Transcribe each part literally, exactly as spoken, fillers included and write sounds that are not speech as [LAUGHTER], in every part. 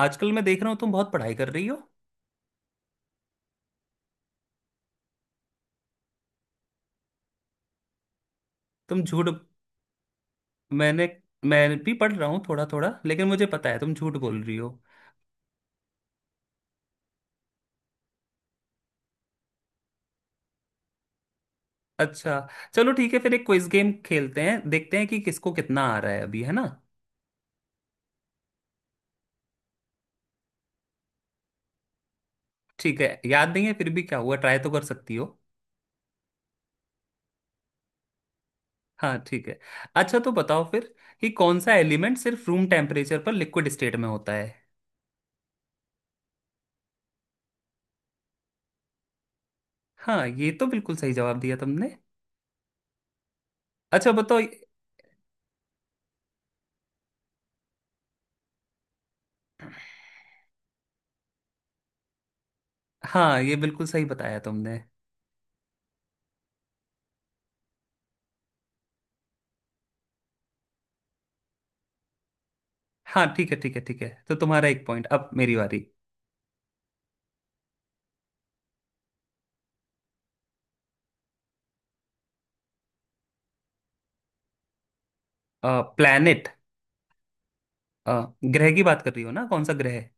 आजकल मैं देख रहा हूँ तुम बहुत पढ़ाई कर रही हो। तुम झूठ मैंने मैं भी पढ़ रहा हूँ थोड़ा थोड़ा लेकिन मुझे पता है तुम झूठ बोल रही हो। अच्छा चलो ठीक है फिर एक क्विज गेम खेलते हैं देखते हैं कि किसको कितना आ रहा है अभी है ना। ठीक है याद नहीं है फिर भी क्या हुआ ट्राई तो कर सकती हो। हाँ ठीक है। अच्छा तो बताओ फिर कि कौन सा एलिमेंट सिर्फ रूम टेम्परेचर पर लिक्विड स्टेट में होता है। हाँ ये तो बिल्कुल सही जवाब दिया तुमने। अच्छा बताओ। हाँ ये बिल्कुल सही बताया तुमने। हाँ ठीक है ठीक है ठीक है तो तुम्हारा एक पॉइंट अब मेरी बारी। प्लैनेट। ग्रह की बात कर रही हो ना कौन सा ग्रह है?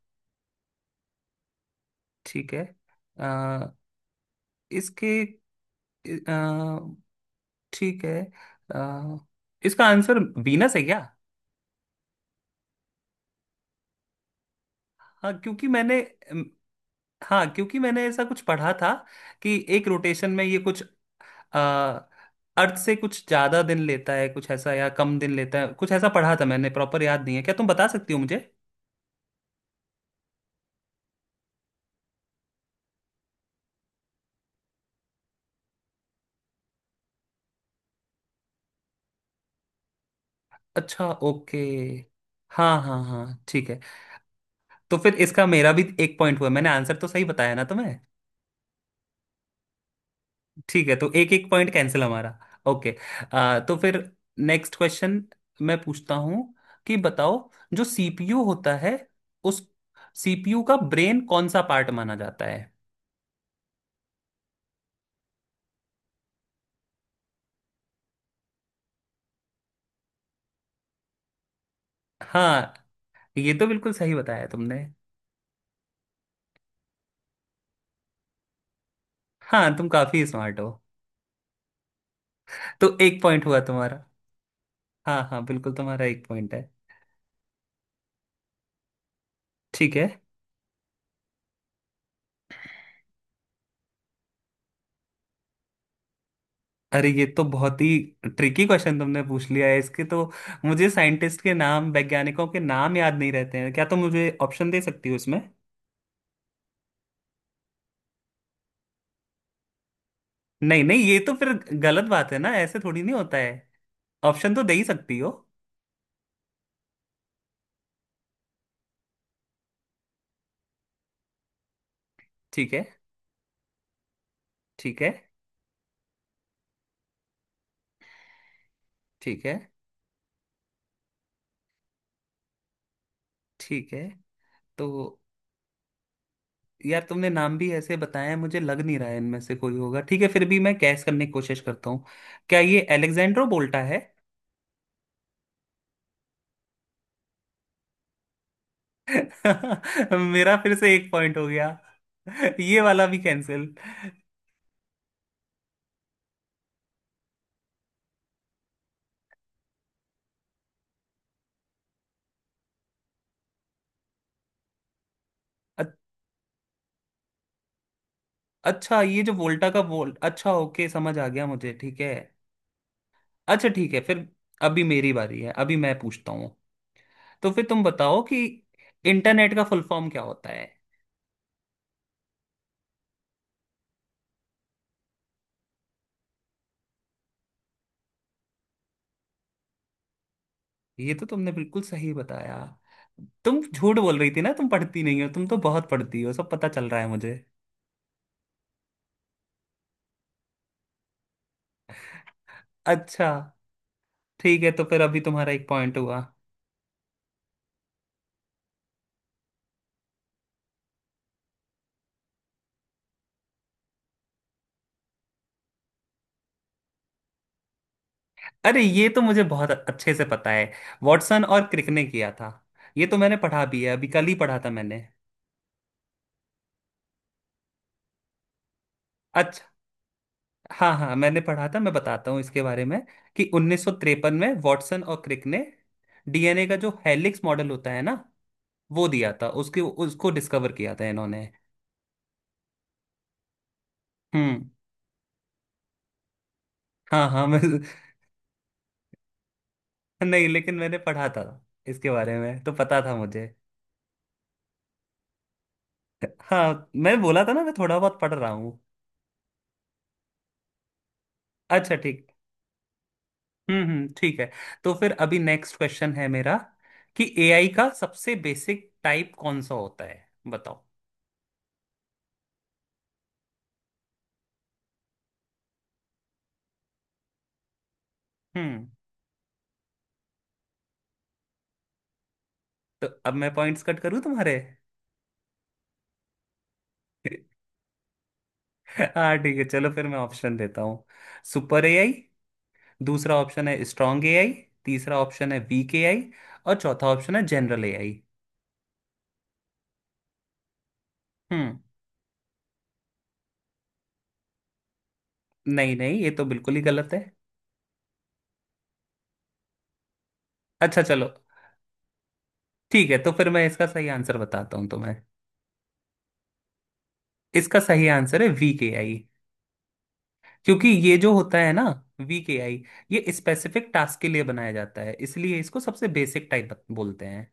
ठीक है। अ, इसके अ, ठीक है अ, इसका आंसर वीनस है क्या। हाँ क्योंकि मैंने अम, हाँ क्योंकि मैंने ऐसा कुछ पढ़ा था कि एक रोटेशन में ये कुछ अ, अर्थ से कुछ ज्यादा दिन लेता है कुछ ऐसा या कम दिन लेता है कुछ ऐसा पढ़ा था मैंने प्रॉपर याद नहीं है क्या तुम बता सकती हो मुझे। अच्छा ओके। हाँ हाँ हाँ ठीक है। तो फिर इसका मेरा भी एक पॉइंट हुआ मैंने आंसर तो सही बताया ना तुम्हें। ठीक है तो एक एक पॉइंट कैंसिल हमारा। ओके। आ, तो फिर नेक्स्ट क्वेश्चन मैं पूछता हूँ कि बताओ जो सीपीयू होता है उस सीपीयू का ब्रेन कौन सा पार्ट माना जाता है। हाँ ये तो बिल्कुल सही बताया तुमने। हाँ तुम काफी स्मार्ट हो। तो एक पॉइंट हुआ तुम्हारा। हाँ हाँ बिल्कुल तुम्हारा एक पॉइंट है। ठीक है। अरे ये तो बहुत ही ट्रिकी क्वेश्चन तुमने पूछ लिया है इसके तो मुझे साइंटिस्ट के नाम वैज्ञानिकों के नाम याद नहीं रहते हैं क्या तुम मुझे ऑप्शन दे सकती हो इसमें। नहीं नहीं ये तो फिर गलत बात है ना ऐसे थोड़ी नहीं होता है। ऑप्शन तो दे ही सकती हो। ठीक है ठीक है ठीक है ठीक है तो यार तुमने नाम भी ऐसे बताया है, मुझे लग नहीं रहा है इनमें से कोई होगा ठीक है फिर भी मैं कैस करने की कोशिश करता हूँ। क्या ये एलेक्जेंड्रो बोल्टा है। [LAUGHS] मेरा फिर से एक पॉइंट हो गया। [LAUGHS] ये वाला भी कैंसिल। अ- अच्छा ये जो वोल्टा का वोल्ट अच्छा ओके समझ आ गया मुझे ठीक है। अच्छा ठीक है फिर। अभी मेरी बारी है अभी मैं पूछता हूँ तो फिर तुम बताओ कि इंटरनेट का फुल फॉर्म क्या होता है। ये तो तुमने बिल्कुल सही बताया। तुम झूठ बोल रही थी ना तुम पढ़ती नहीं हो तुम तो बहुत पढ़ती हो सब पता चल रहा है मुझे। अच्छा। ठीक है तो फिर अभी तुम्हारा एक पॉइंट हुआ। अरे ये तो मुझे बहुत अच्छे से पता है। वॉटसन और क्रिक ने किया था। ये तो मैंने पढ़ा भी है अभी कल ही पढ़ा था मैंने। अच्छा। हाँ हाँ मैंने पढ़ा था मैं बताता हूँ इसके बारे में कि उन्नीस सौ तिरेपन में वॉटसन और क्रिक ने डीएनए का जो हेलिक्स मॉडल होता है ना वो दिया था उसके उसको डिस्कवर किया था इन्होंने। हम्म। हाँ हाँ मैं [LAUGHS] नहीं लेकिन मैंने पढ़ा था इसके बारे में तो पता था मुझे। हाँ मैंने बोला था ना मैं थोड़ा बहुत पढ़ रहा हूँ। अच्छा ठीक। हम्म हम्म ठीक है। तो फिर अभी नेक्स्ट क्वेश्चन है मेरा कि एआई का सबसे बेसिक टाइप कौन सा होता है बताओ। हम्म। तो अब मैं पॉइंट्स कट करूँ तुम्हारे। हाँ ठीक है चलो फिर मैं ऑप्शन देता हूँ। Super AI. दूसरा ऑप्शन है स्ट्रॉन्ग एआई। तीसरा ऑप्शन है वीक एआई। और चौथा ऑप्शन है जनरल एआई। हम्म। नहीं नहीं ये तो बिल्कुल ही गलत है। अच्छा चलो। ठीक है तो फिर मैं इसका सही आंसर बताता हूँ तुम्हें। इसका सही आंसर है वीक एआई। क्योंकि ये जो होता है ना वीक एआई ये स्पेसिफिक टास्क के लिए बनाया जाता है इसलिए इसको सबसे बेसिक टाइप बोलते हैं।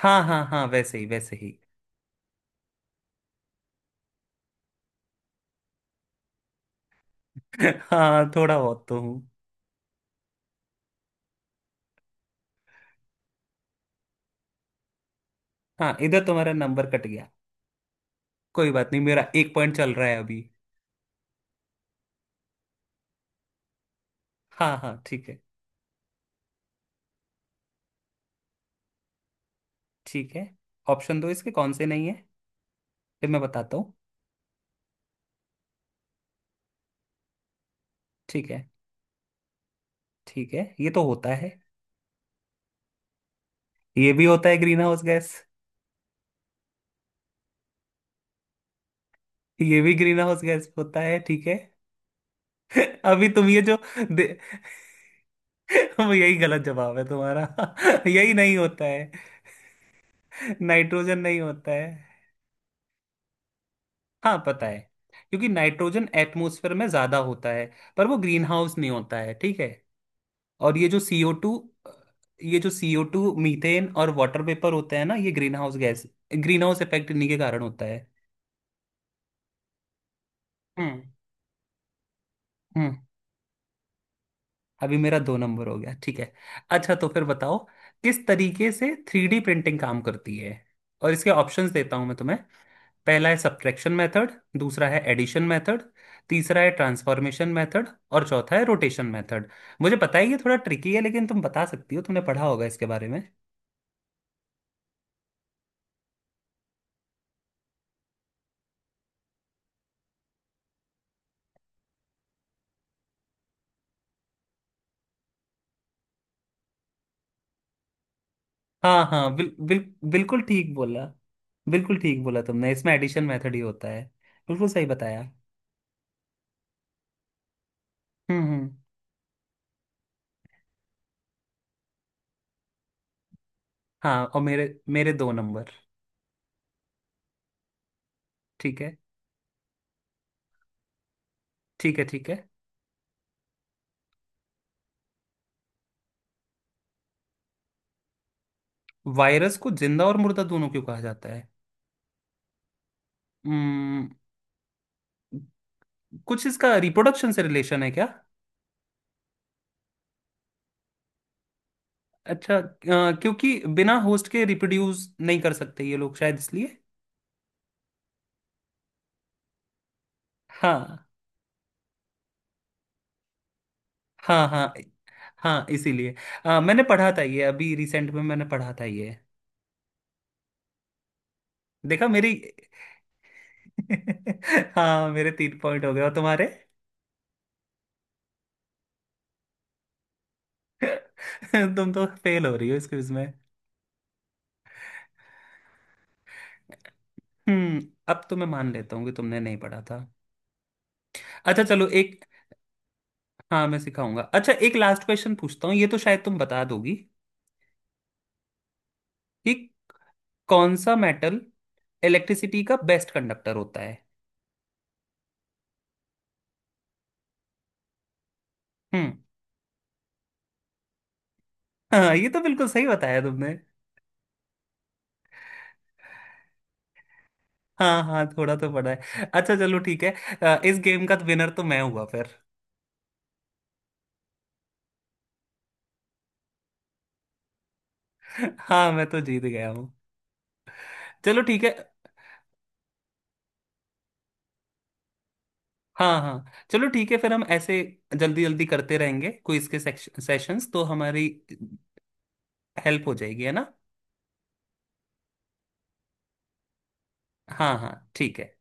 हाँ हाँ हाँ वैसे ही वैसे ही। [LAUGHS] हाँ थोड़ा बहुत तो हूँ। हाँ इधर तुम्हारा नंबर कट गया। कोई बात नहीं मेरा एक पॉइंट चल रहा है अभी। हाँ हाँ ठीक है। ठीक है ऑप्शन दो इसके कौन से नहीं है फिर मैं बताता हूँ। ठीक है। ठीक है ये तो होता है। ये भी होता है ग्रीन हाउस गैस। ये भी ग्रीन हाउस गैस होता है ठीक है। [LAUGHS] अभी तुम ये जो दे [LAUGHS] वो यही गलत जवाब है तुम्हारा। [LAUGHS] यही नहीं होता है। नाइट्रोजन नहीं होता है। हाँ पता है। क्योंकि नाइट्रोजन एटमॉस्फेयर में ज्यादा होता है पर वो ग्रीन हाउस नहीं होता है ठीक है। और ये जो सीओ टू ये जो सीओ टू मीथेन और वाटर वेपर होता है ना ये greenhouse gas. Greenhouse effect इन्हीं के कारण होता है। हम्म। हम्म। अभी मेरा दो नंबर हो गया ठीक है। अच्छा तो फिर बताओ किस तरीके से थ्री डी प्रिंटिंग काम करती है और इसके ऑप्शंस देता हूं मैं तुम्हें। पहला है सब्ट्रैक्शन मेथड। दूसरा है एडिशन मेथड। तीसरा है ट्रांसफॉर्मेशन मेथड और चौथा है रोटेशन मेथड। मुझे पता है ये थोड़ा ट्रिकी है लेकिन तुम बता सकती हो तुमने पढ़ा होगा इसके बारे में। हाँ हाँ बिल, बिल, बिल्कुल ठीक बोला। बिल्कुल ठीक बोला तुमने इसमें एडिशन मेथड ही होता है। बिल्कुल सही बताया। हम्म हम्म। हाँ और मेरे मेरे दो नंबर। ठीक है ठीक है ठीक है। वायरस को जिंदा और मुर्दा दोनों क्यों कहा जाता है। हम्म। कुछ इसका रिप्रोडक्शन से रिलेशन है क्या। अच्छा अ, क्योंकि बिना होस्ट के रिप्रोड्यूस नहीं कर सकते ये लोग शायद इसलिए। हाँ हाँ हाँ। हाँ इसीलिए अ, मैंने पढ़ा था ये अभी रिसेंट में मैंने पढ़ा था ये। देखा मेरी। [LAUGHS] हाँ मेरे तीन पॉइंट हो गए और तुम्हारे। [LAUGHS] तुम तो फेल हो रही हो इस क्विज में। हम्म। अब तो मैं मान लेता हूँ कि तुमने नहीं पढ़ा था। अच्छा चलो एक। हाँ मैं सिखाऊंगा अच्छा एक लास्ट क्वेश्चन पूछता हूँ ये तो शायद तुम बता दोगी। कि कौन सा मेटल इलेक्ट्रिसिटी का बेस्ट कंडक्टर होता है। हम्म। हाँ ये तो बिल्कुल सही बताया तुमने। हाँ हाँ थोड़ा तो पढ़ा है अच्छा चलो ठीक है। अ, इस गेम का विनर तो मैं हुआ फिर। [LAUGHS] हाँ मैं तो जीत गया हूँ। चलो ठीक है। हाँ हाँ। चलो ठीक है फिर हम ऐसे जल्दी जल्दी करते रहेंगे क्विज के सेक्श, सेशंस तो हमारी हेल्प हो जाएगी है ना। हाँ हाँ ठीक है।